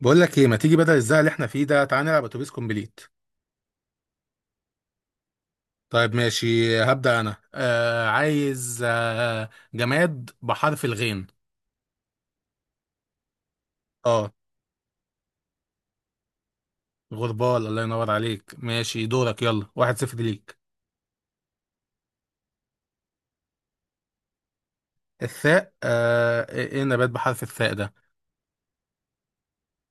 بقول لك ايه، ما تيجي بدل الزق اللي احنا فيه ده؟ تعالى نلعب اتوبيس كومبليت. طيب ماشي. هبدأ انا. عايز جماد بحرف الغين. اه. غربال، الله ينور عليك. ماشي، دورك يلا، واحد صفر ليك. الثاء. آه ايه؟ إيه النبات بحرف الثاء ده؟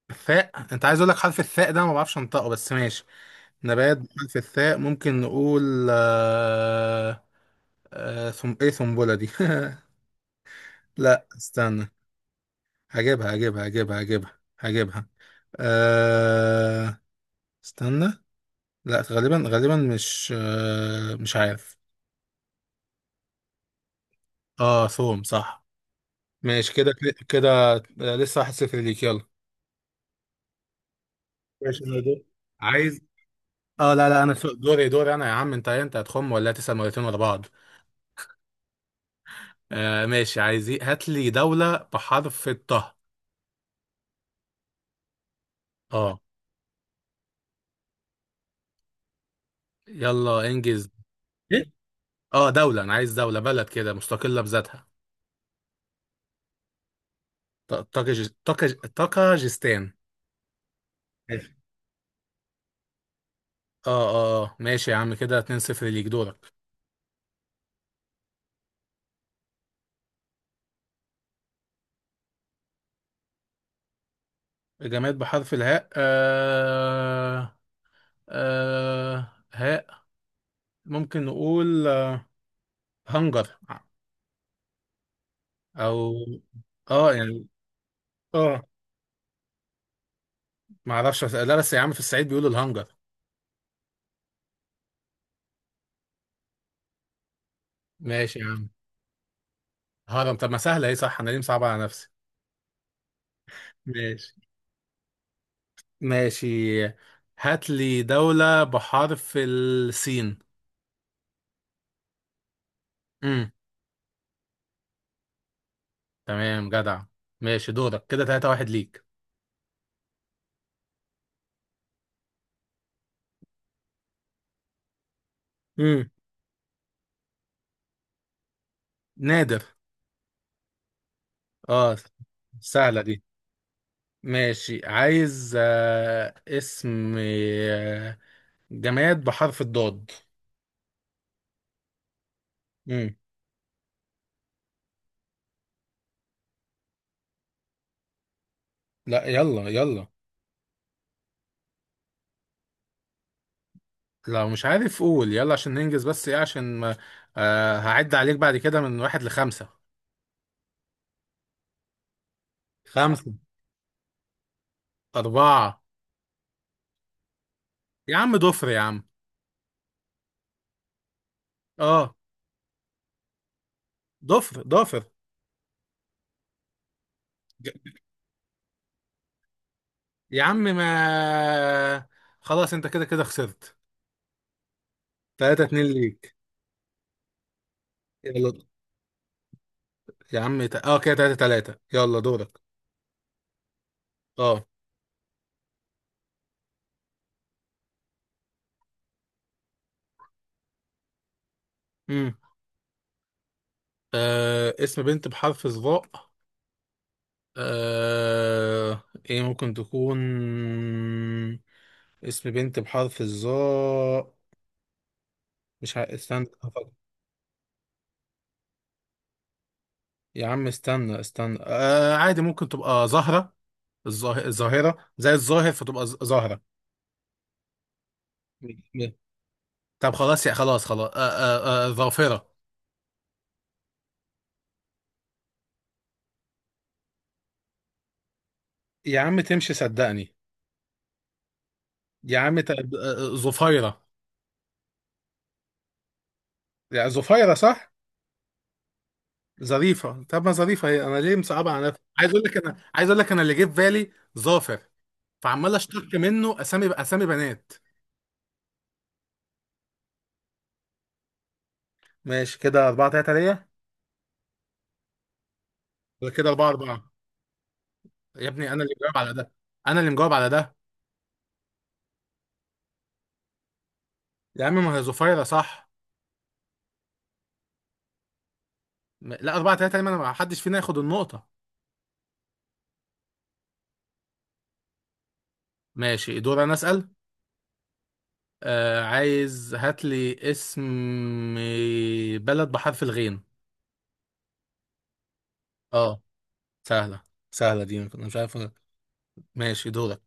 الثاء، انت عايز اقول لك حرف الثاء ده، ما بعرفش انطقه بس ماشي. نبات بحرف الثاء ممكن نقول. آه. آه، ثم ايه ثنبله دي؟ لا استنى. هجيبها. آه استنى. لا غالبا غالبا، مش مش عارف. اه، ثوم صح. ماشي كده. كده لسه واحد صفر ليك، يلا. ماشي، أنا دور. عايز. اه لا لا، انا دوري دوري، انا يا عم. انت هتخم ولا تسأل مرتين ورا بعض؟ آه ماشي. عايز إيه؟ هات لي دولة بحرف الطه. اه. يلا انجز. ايه؟ اه، دولة. انا عايز دولة، بلد كده مستقلة بذاتها. طاكجستان. ماشي. اه اه ماشي يا عم. كده 2 0 ليك، دورك. جماد بحرف الهاء. آه. آه، هاء. ممكن نقول هنجر. او. اه يعني. اه، ما اعرفش لا، بس يا عم في الصعيد بيقولوا الهنجر. ماشي يا عم. هرم؟ طب ما سهله، ايه؟ صح، انا ليه مصعبه على نفسي؟ ماشي. ماشي، هات لي دولة بحرف السين. امم تمام، جدع. ماشي، دورك كده 3 واحد ليك. امم نادر. اه، سهلة دي. ماشي. عايز اسم جماد بحرف الضاد. مم. لا يلا يلا. لو مش عارف قول يلا عشان ننجز، بس ايه عشان ما. هعد عليك بعد كده من واحد لخمسة. خمسة. أربعة. يا عم ضفر، يا عم. اه، ضفر ضافر. ج- يا عم ما. خلاص انت كده كده خسرت. تلاتة اتنين ليك. يلا، يا عم اه كده، تلاتة تلاتة، يلا دورك. اه. امم آه اسم بنت بحرف الظاء. آه... ايه ممكن تكون؟ اسم بنت بحرف الظاء. مش استنى هفكر. يا عم استنى استنى. عادي، ممكن تبقى زهرة. الظاهرة، زي الظاهر، فتبقى زهرة. م- م- طب خلاص، يا خلاص خلاص، ظافرة. يا عم تمشي، صدقني. يا عم ت... آه، آه، ظفيرة. يعني ظفيرة صح؟ ظريفة؟ طب ما ظريفة، هي انا ليه مصعبة على نفسي؟ عايز اقول لك، انا عايز اقول لك انا اللي جه في بالي. ظافر. فعمال اشتق منه اسامي، اسامي بنات. ماشي، كده أربعة تلاتة ليا. ولا كده أربعة أربعة؟ يا ابني أنا اللي مجاوب على ده. أنا اللي مجاوب على ده. يا عم ما هي زفيرة صح. لا، أربعة تلاتة ليه؟ ما أنا ما حدش فينا ياخد النقطة. ماشي، دور أنا أسأل. آه عايز، هات لي اسم بلد بحرف الغين. أه. سهلة. سهلة دي، أنا مش عارف ماشي دورك.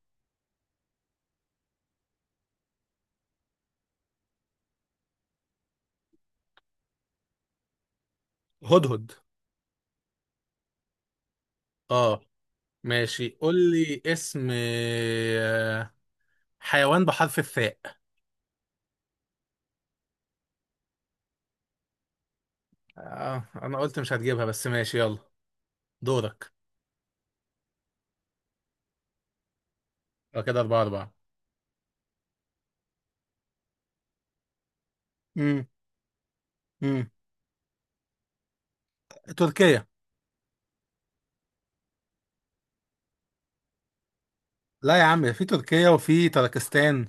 هدهد. أه. ماشي، قول لي اسم حيوان بحرف الثاء. اه، انا قلت مش هتجيبها بس ماشي يلا. دورك. يبقى كده اربعة اربعة. امم. امم. تركيا. لا يا عم في تركيا وفي تركستان.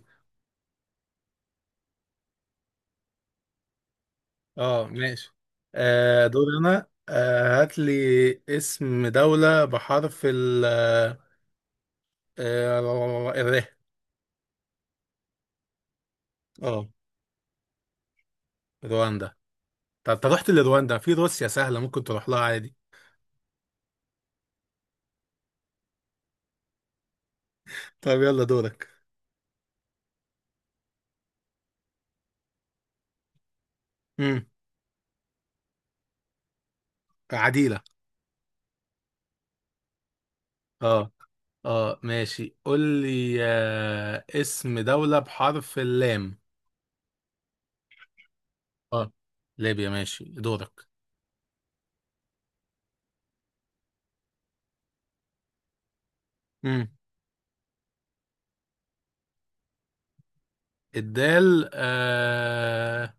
اه ماشي. آه دور انا. هات لي اسم دولة بحرف ال، آه الر. اه. رواندا. طب انت رحت لرواندا، في روسيا سهلة ممكن تروح لها عادي. طب يلا دورك. امم. عديلة. اه. اه ماشي، قول لي اسم دولة بحرف اللام. اه. ليبيا، ماشي دورك. امم. الدال. آه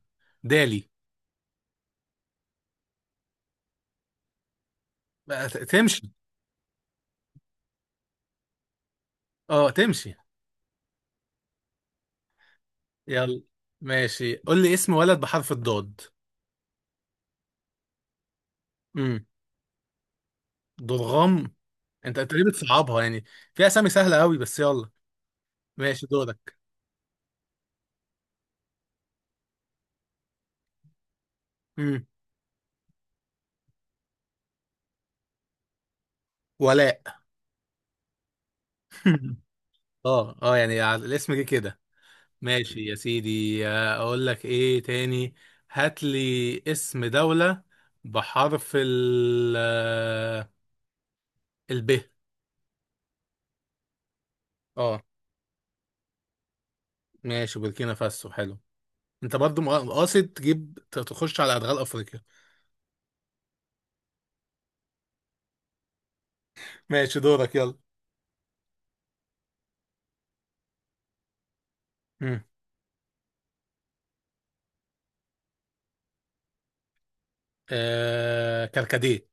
دالي. بقى تمشي؟ اه تمشي. يلا. ماشي، قول لي اسم ولد بحرف الضاد. امم ضرغام. انت تقريبا بتصعبها يعني. في اسامي سهله قوي بس يلا. ماشي دورك. امم ولاء. اه اه يعني الاسم جه كده. ماشي يا سيدي. اقول لك ايه تاني. هات لي اسم دولة بحرف ال، ال ب. اه. ماشي، بوركينا فاسو، حلو. انت برضو قاصد تجيب تخش على ادغال افريقيا. ماشي، دورك يلا. مم. كركديه.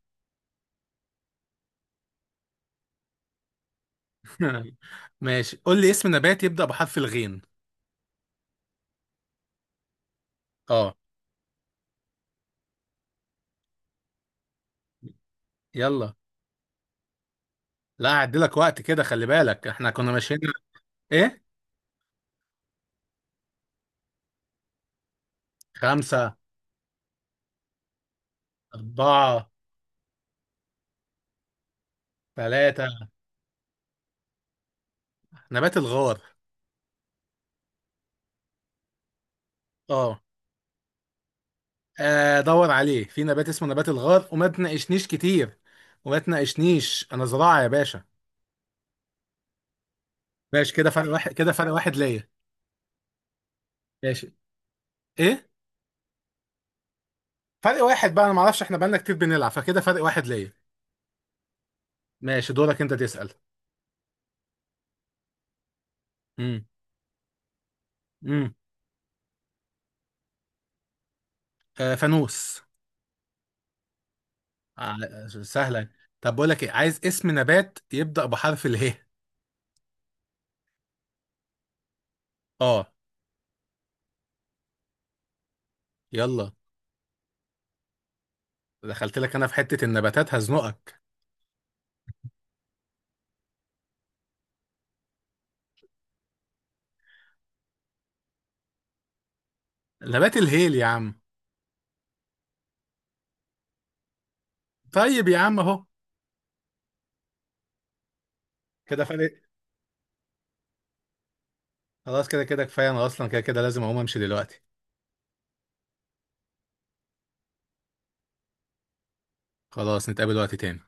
ماشي، قول لي اسم نبات يبدأ بحرف الغين. اه. يلا. لا هعدلك وقت كده، خلي بالك احنا كنا ماشيين. ايه. خمسة. أربعة. ثلاثة. نبات الغار. اه دور عليه، في نبات اسمه نبات الغار، وما تناقشنيش كتير. وما تناقشنيش، انا زراعة يا باشا. ماشي. كده فرق واحد، كده فرق واحد ليا. ماشي. ايه. فرق واحد بقى، انا ما اعرفش، احنا بقالنا كتير بنلعب، فكده فرق واحد ليا. ماشي، دورك انت تسأل. امم. امم. آه فانوس. آه، سهلة. طب بقول لك ايه، عايز اسم نبات يبدأ بحرف اله. اه. يلا. دخلت لك انا في حتة النباتات هزنقك. نبات الهيل يا عم. طيب يا عم اهو. كده فرق. خلاص كده، كده كفاية. انا اصلا كده كده لازم اقوم امشي دلوقتي. خلاص، نتقابل وقت تاني.